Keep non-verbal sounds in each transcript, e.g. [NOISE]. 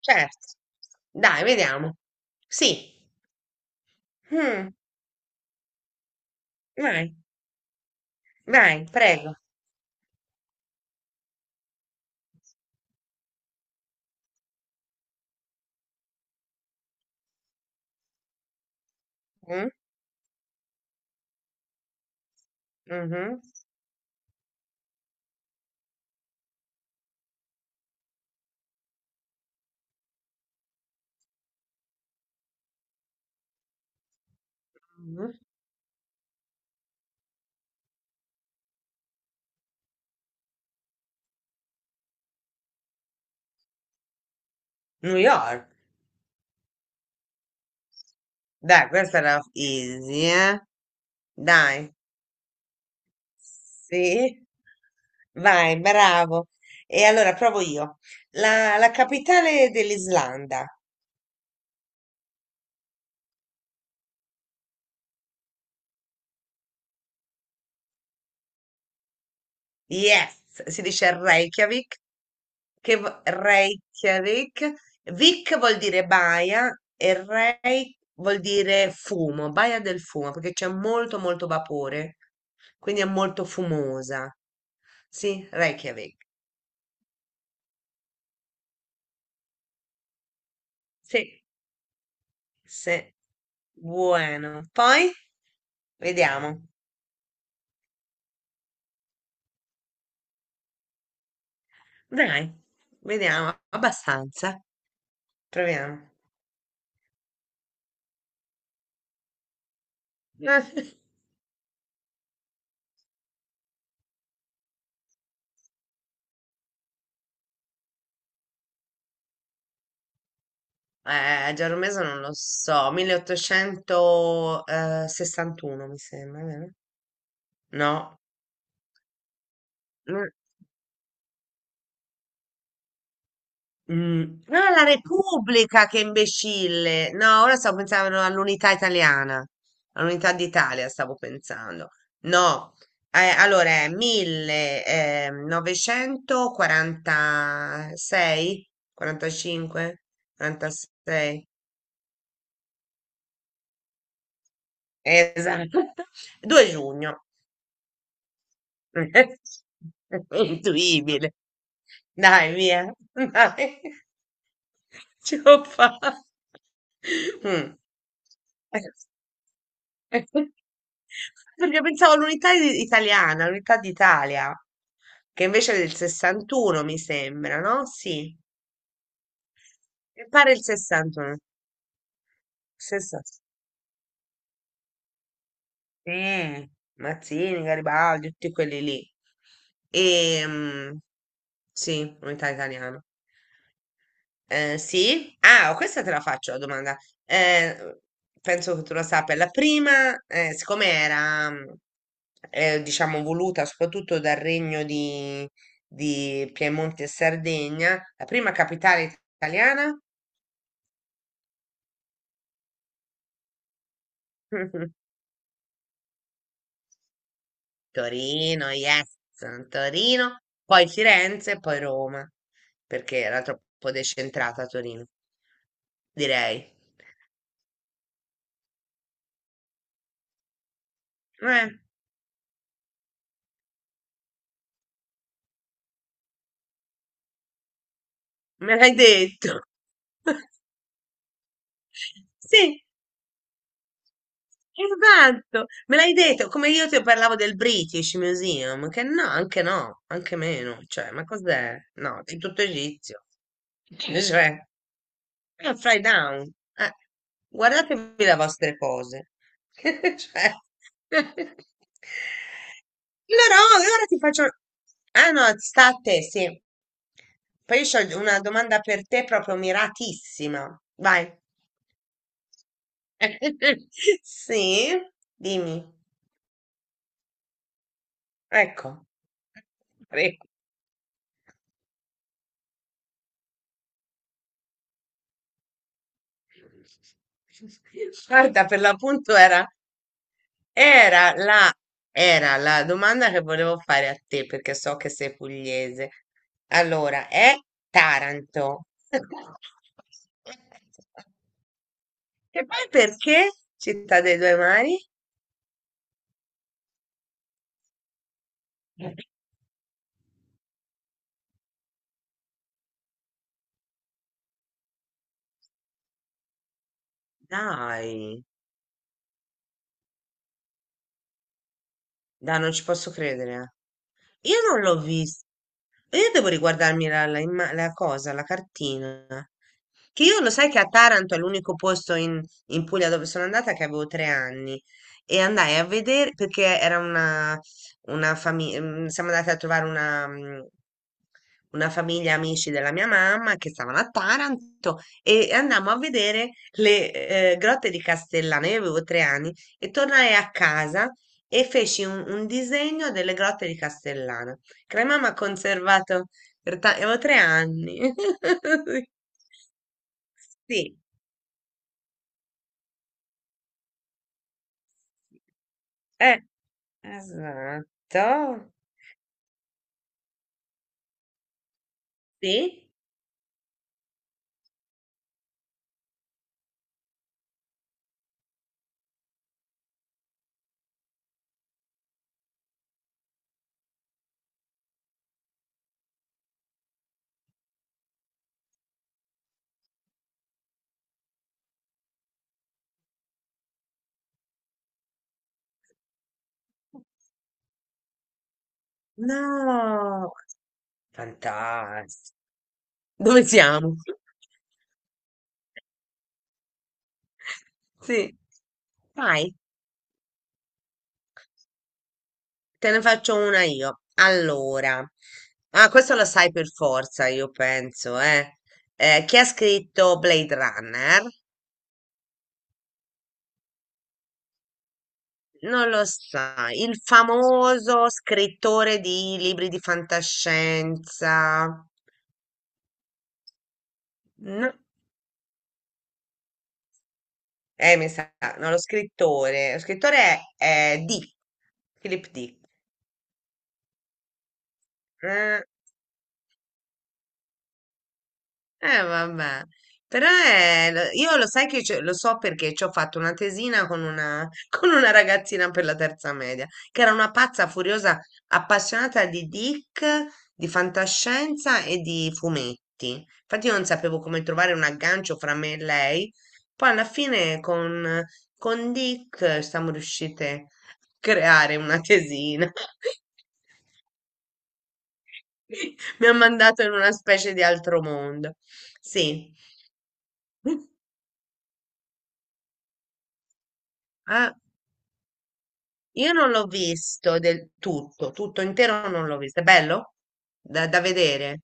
Certo, dai, vediamo. Sì, mm, vai, vai, prego. Mm, mhm, mhm. New York. Dai, questa era easy, eh? Dai, sì. Vai, bravo. E allora provo io. La capitale dell'Islanda. Yes, si dice Reykjavik, Reykjavik, Vik vuol dire baia e Rey vuol dire fumo, baia del fumo, perché c'è molto molto vapore, quindi è molto fumosa. Sì, Reykjavik. Sì, sì. Buono. Poi vediamo. Dai, vediamo abbastanza. Proviamo. [LAUGHS] Giaromesa non lo so, 1861 mi sembra, vero? No, no. Mm. Ah, la Repubblica, che imbecille! No, ora stavo pensando all'unità italiana, all'unità d'Italia stavo pensando. No, allora è 1946, 45, 46, esatto. [LAUGHS] 2 giugno. [LAUGHS] Intuibile. Dai, via. [LAUGHS] Dai. Ce l'ho fatta. Mm. Perché pensavo italiana, all'unità d'Italia, che invece è del 61, mi sembra, no? Sì, mi pare il 61. 60. Sì, Mazzini, Garibaldi, tutti quelli lì. E sì, unità italiana. Sì? Ah, oh, questa te la faccio la domanda. Eh, penso che tu la sappia. La prima, siccome era, diciamo, voluta soprattutto dal regno di Piemonte e Sardegna, la prima capitale italiana? [LAUGHS] Torino, yes. Torino, poi Firenze, poi Roma, perché era troppo decentrata Torino, direi. Eh, me l'hai detto. [LAUGHS] Sì, esatto, me l'hai detto, come io ti parlavo del British Museum, che no, anche no, anche meno, cioè, ma cos'è? No, è tutto egizio. [LAUGHS] Cioè, è un fly down, eh, guardatevi le vostre cose. [LAUGHS] Cioè, [LAUGHS] allora, oh, e ora ti faccio, ah no, sta a te, sì, poi io ho una domanda per te proprio miratissima, vai. [LAUGHS] Sì, dimmi. Ecco. Prego. Guarda, per l'appunto era, era la, era la domanda che volevo fare a te, perché so che sei pugliese. Allora, è Taranto. E poi perché Città dei Due Mari? Dai, dai, non ci posso credere. Io non l'ho vista. Io devo riguardarmi la, la imma- la cosa, la cartina. Che io lo sai che a Taranto è l'unico posto in Puglia dove sono andata, che avevo 3 anni e andai a vedere perché era una famiglia, siamo andati a trovare una, una famiglia amici della mia mamma che stavano a Taranto e andammo a vedere le grotte di Castellana. Io avevo 3 anni e tornai a casa e feci un disegno delle grotte di Castellana. Crema mi ha conservato avevo 3 anni. [LAUGHS] Sì, eh, esatto. Sì? No, fantastico. Dove siamo? Sì. Vai, te ne faccio una io. Allora, ah, questo lo sai per forza, io penso, eh. Chi ha scritto Blade Runner? Non lo sai, il famoso scrittore di libri di fantascienza. No, mi sa, no, lo scrittore. Lo scrittore è Dick, Philip Dick. Vabbè, però io lo sai che lo so perché ci ho fatto una tesina con una, [LAUGHS] con una ragazzina per la terza media, che era una pazza furiosa, appassionata di Dick, di fantascienza e di fumetti. Infatti io non sapevo come trovare un aggancio fra me e lei. Poi alla fine con Dick, siamo riuscite a creare una tesina. [LAUGHS] Mi ha mandato in una specie di altro mondo. Sì. [LAUGHS] Ah, io non l'ho visto del tutto, tutto intero non l'ho visto. È bello? Da, da vedere.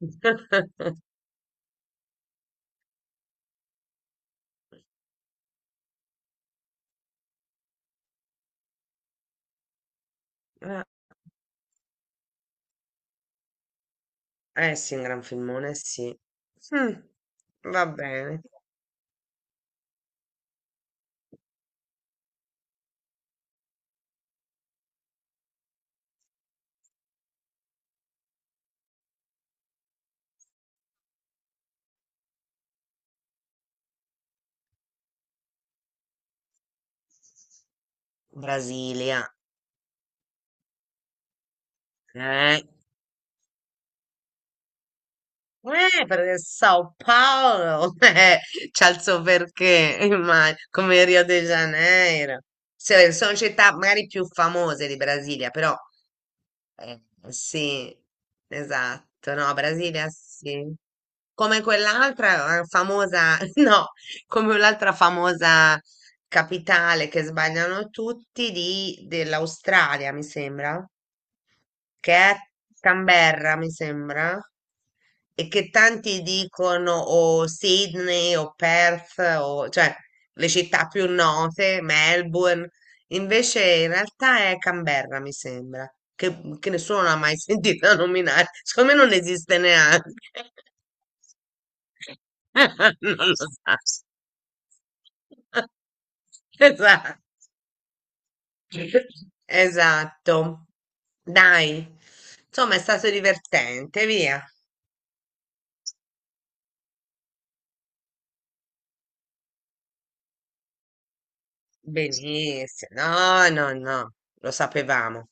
[LAUGHS] Ah, eh sì, un gran filmone, sì. Mm, va bene. Brasilia. Eh, perché Sao Paolo [LAUGHS] c'ha il suo perché, come Rio de Janeiro. Sono città magari più famose di Brasilia, però eh, sì, esatto, no, Brasilia sì. Come quell'altra famosa, [LAUGHS] no, come l'altra famosa capitale che sbagliano tutti dell'Australia, mi sembra, che è a Canberra, mi sembra, e che tanti dicono o Sydney o Perth, o, cioè le città più note, Melbourne, invece in realtà è Canberra, mi sembra, che nessuno l'ha mai [LAUGHS] sentita nominare, secondo me non esiste neanche. [LAUGHS] Non lo so. [LAUGHS] Esatto. Esatto. Dai. Insomma, è stato divertente, via. Benissimo, no, no, no, lo sapevamo.